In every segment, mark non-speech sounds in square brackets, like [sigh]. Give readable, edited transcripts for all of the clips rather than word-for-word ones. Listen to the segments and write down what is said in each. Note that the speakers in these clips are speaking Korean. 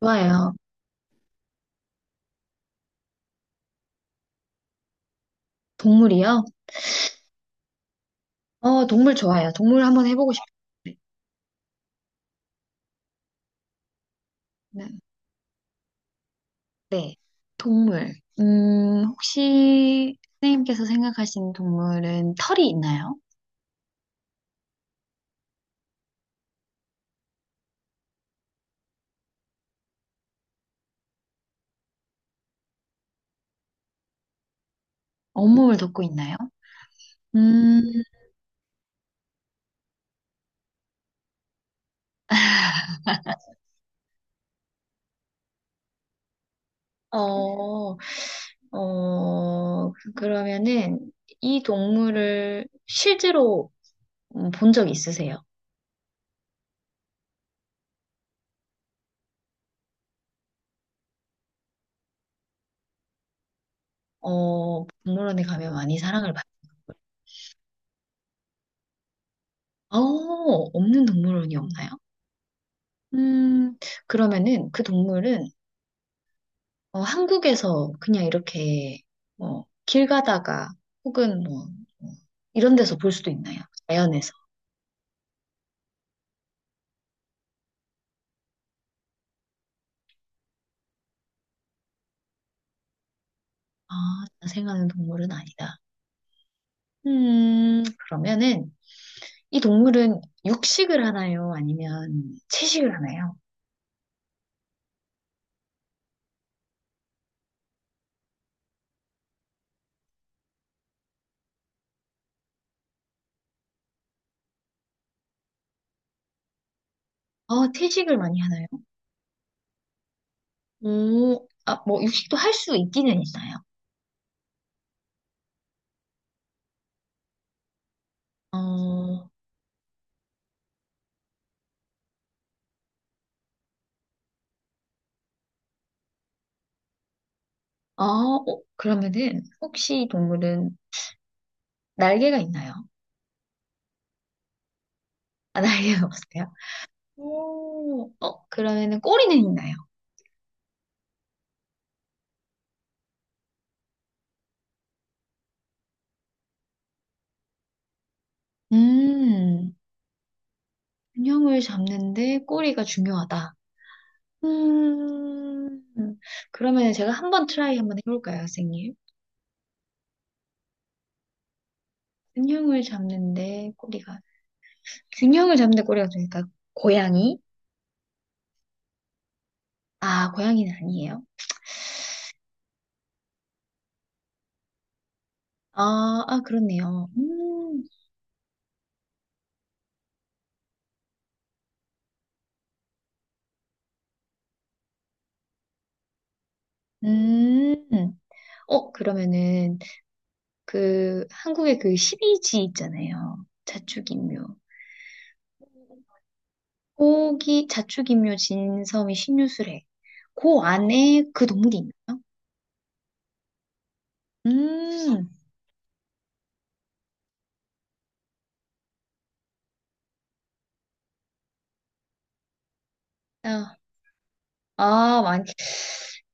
좋아요. 동물이요? 동물 좋아요. 동물 한번 해보고 싶어요. 네. 네. 동물. 혹시 선생님께서 생각하시는 동물은 털이 있나요? 온몸을 덮고 있나요? 음, 어, 그러면은 이 동물을 실제로 본 적 있으세요? 어, 동물원에 가면 많이 사랑을 받는 동물. 어, 없는 동물원이 없나요? 음, 그러면은 그 동물은 한국에서 그냥 이렇게 길 가다가 혹은 뭐, 뭐 이런 데서 볼 수도 있나요? 자연에서. 아, 자생하는 동물은 아니다. 그러면은 이 동물은 육식을 하나요? 아니면 채식을 하나요? 어, 채식을 많이 하나요? 오, 아, 뭐 육식도 할 수 있기는 있나요? 어, 아, 어, 그러면은 혹시 이 동물은 날개가 있나요? 아, [laughs] 날개가 없어요? 그러면은 꼬리는 있나요? 음, 균형을 잡는데 꼬리가 중요하다. 음, 그러면 제가 한번 트라이 한번 해볼까요, 선생님? 균형을 잡는데 꼬리가, 균형을 잡는데 꼬리가 중요하니까, 고양이? 아, 고양이는 아니에요. 아, 아, 그렇네요. 음, 그러면은, 그, 한국의 그시2지 있잖아요. 자축인묘. 고기, 자축인묘, 진섬이, 신유술회. 그 안에 그 동물이 있나요? 음, 아, 아, 만,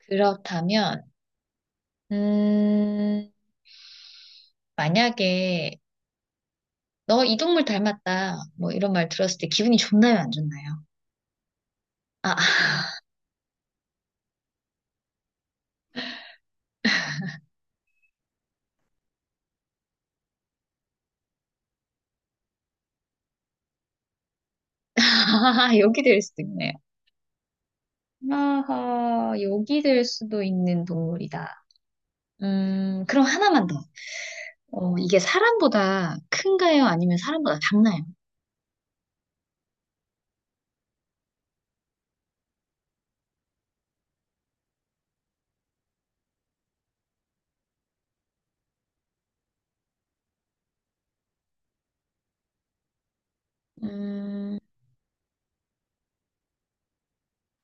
그렇다면, 음, 만약에, 너 이 동물 닮았다, 뭐 이런 말 들었을 때 기분이 좋나요, 안 좋나요? 아, [laughs] 여기 될 수도 있네요. 아하, 여기 될 수도 있는 동물이다. 그럼 하나만 더. 어, 이게 사람보다 큰가요? 아니면 사람보다 작나요? 음,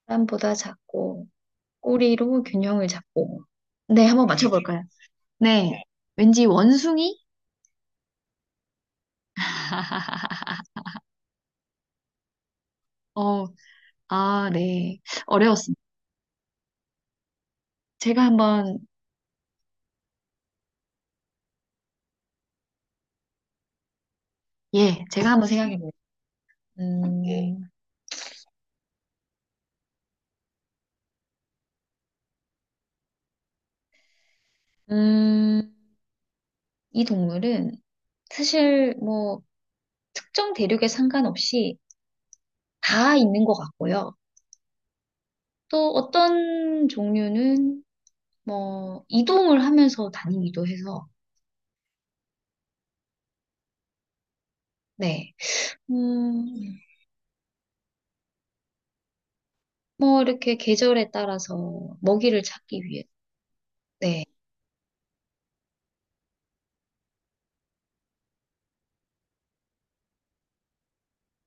사람보다 작고, 꼬리로 균형을 잡고. 네, 한번 맞춰볼까요? 네. 왠지 원숭이? 어, 네. 어려웠습니다. 제가 한번, 예, 제가 한번 생각해 볼게요. 네. 음, 음, 이 동물은 사실 뭐 특정 대륙에 상관없이 다 있는 것 같고요. 또 어떤 종류는 뭐 이동을 하면서 다니기도 해서, 네. 음, 뭐 이렇게 계절에 따라서 먹이를 찾기 위해, 네.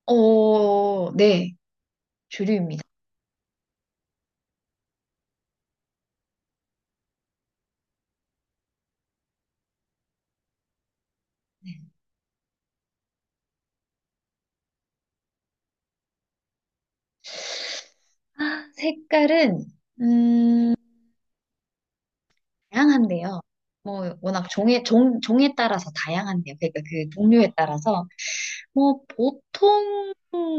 어, 네. 주류입니다. 네. 아, 색깔은, 음, 다양한데요. 뭐 워낙 종에 따라서 다양한데요. 그러니까 그 종류에 따라서 뭐 보통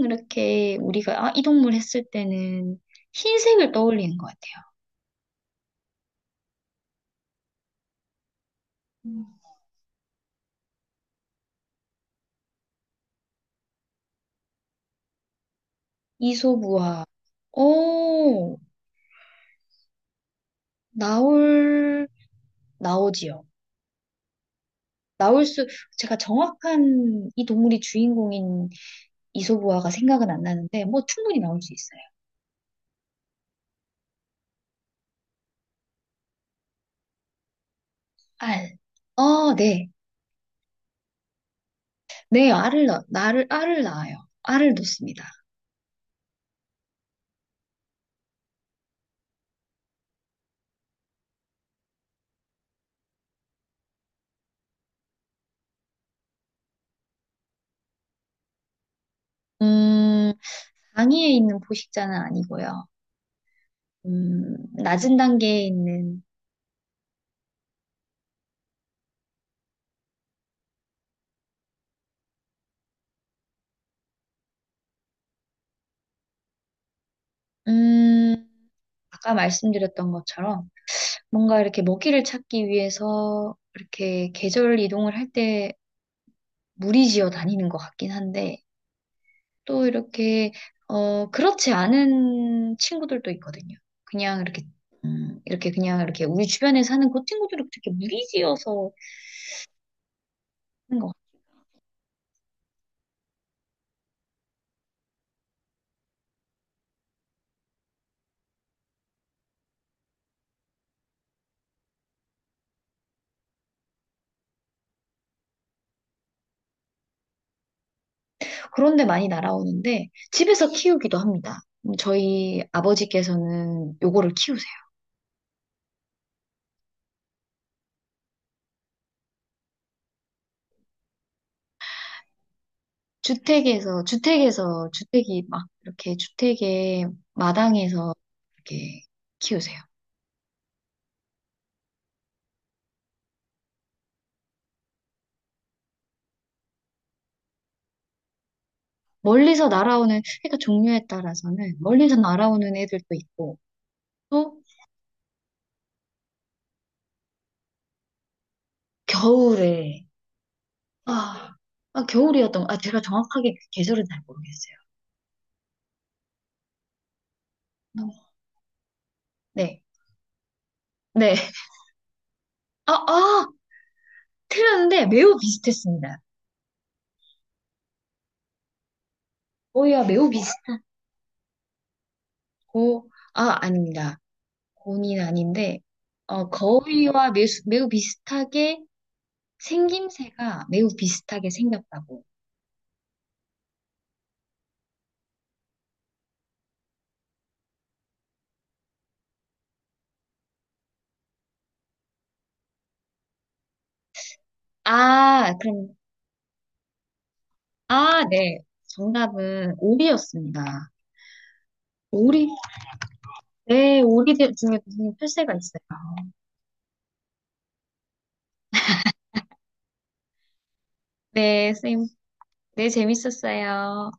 이렇게 우리가 아, 이 동물 했을 때는 흰색을 떠올리는 것 같아요. 음. 이소부화. 오, 나올 나오지요. 나올 수 제가 정확한 이 동물이 주인공인 이소부화가 생각은 안 나는데 뭐 충분히 나올 수 있어요. 알. 어, 네. 네, 알을 낳, 나를 알을 낳아요. 알을 놓습니다. 음, 당위에 있는 포식자는 아니고요. 낮은 단계에 있는, 음, 아까 말씀드렸던 것처럼 뭔가 이렇게 먹이를 찾기 위해서 이렇게 계절 이동을 할 때 무리지어 다니는 것 같긴 한데 또 이렇게, 어, 그렇지 않은 친구들도 있거든요. 그냥 이렇게, 이렇게 그냥 이렇게 우리 주변에 사는 그 친구들은 그렇게 무리지어서 하는 것 그런 데 많이 날아오는데 집에서 키우기도 합니다. 저희 아버지께서는 요거를 키우세요. 주택이 막 이렇게 주택의 마당에서 이렇게 키우세요. 멀리서 날아오는, 그러니까 종류에 따라서는 멀리서 날아오는 애들도 있고, 또 겨울에, 아, 겨울이었던, 아, 제가 정확하게 계절은 잘 모르겠어요. 네, 네. 아, 아! 틀렸는데 매우 비슷했습니다. 오이와 매우 비슷 고, 아, 아닙니다. 곤인 아닌데, 어, 거위와 매우 비슷하게 생김새가 매우 비슷하게 생겼다고. 아, 그럼, 아, 네. 정답은 오리였습니다. 오리? 네, 오리들 중에 무슨 펼새가 있어요. 네, 쌤. 네, 재밌었어요.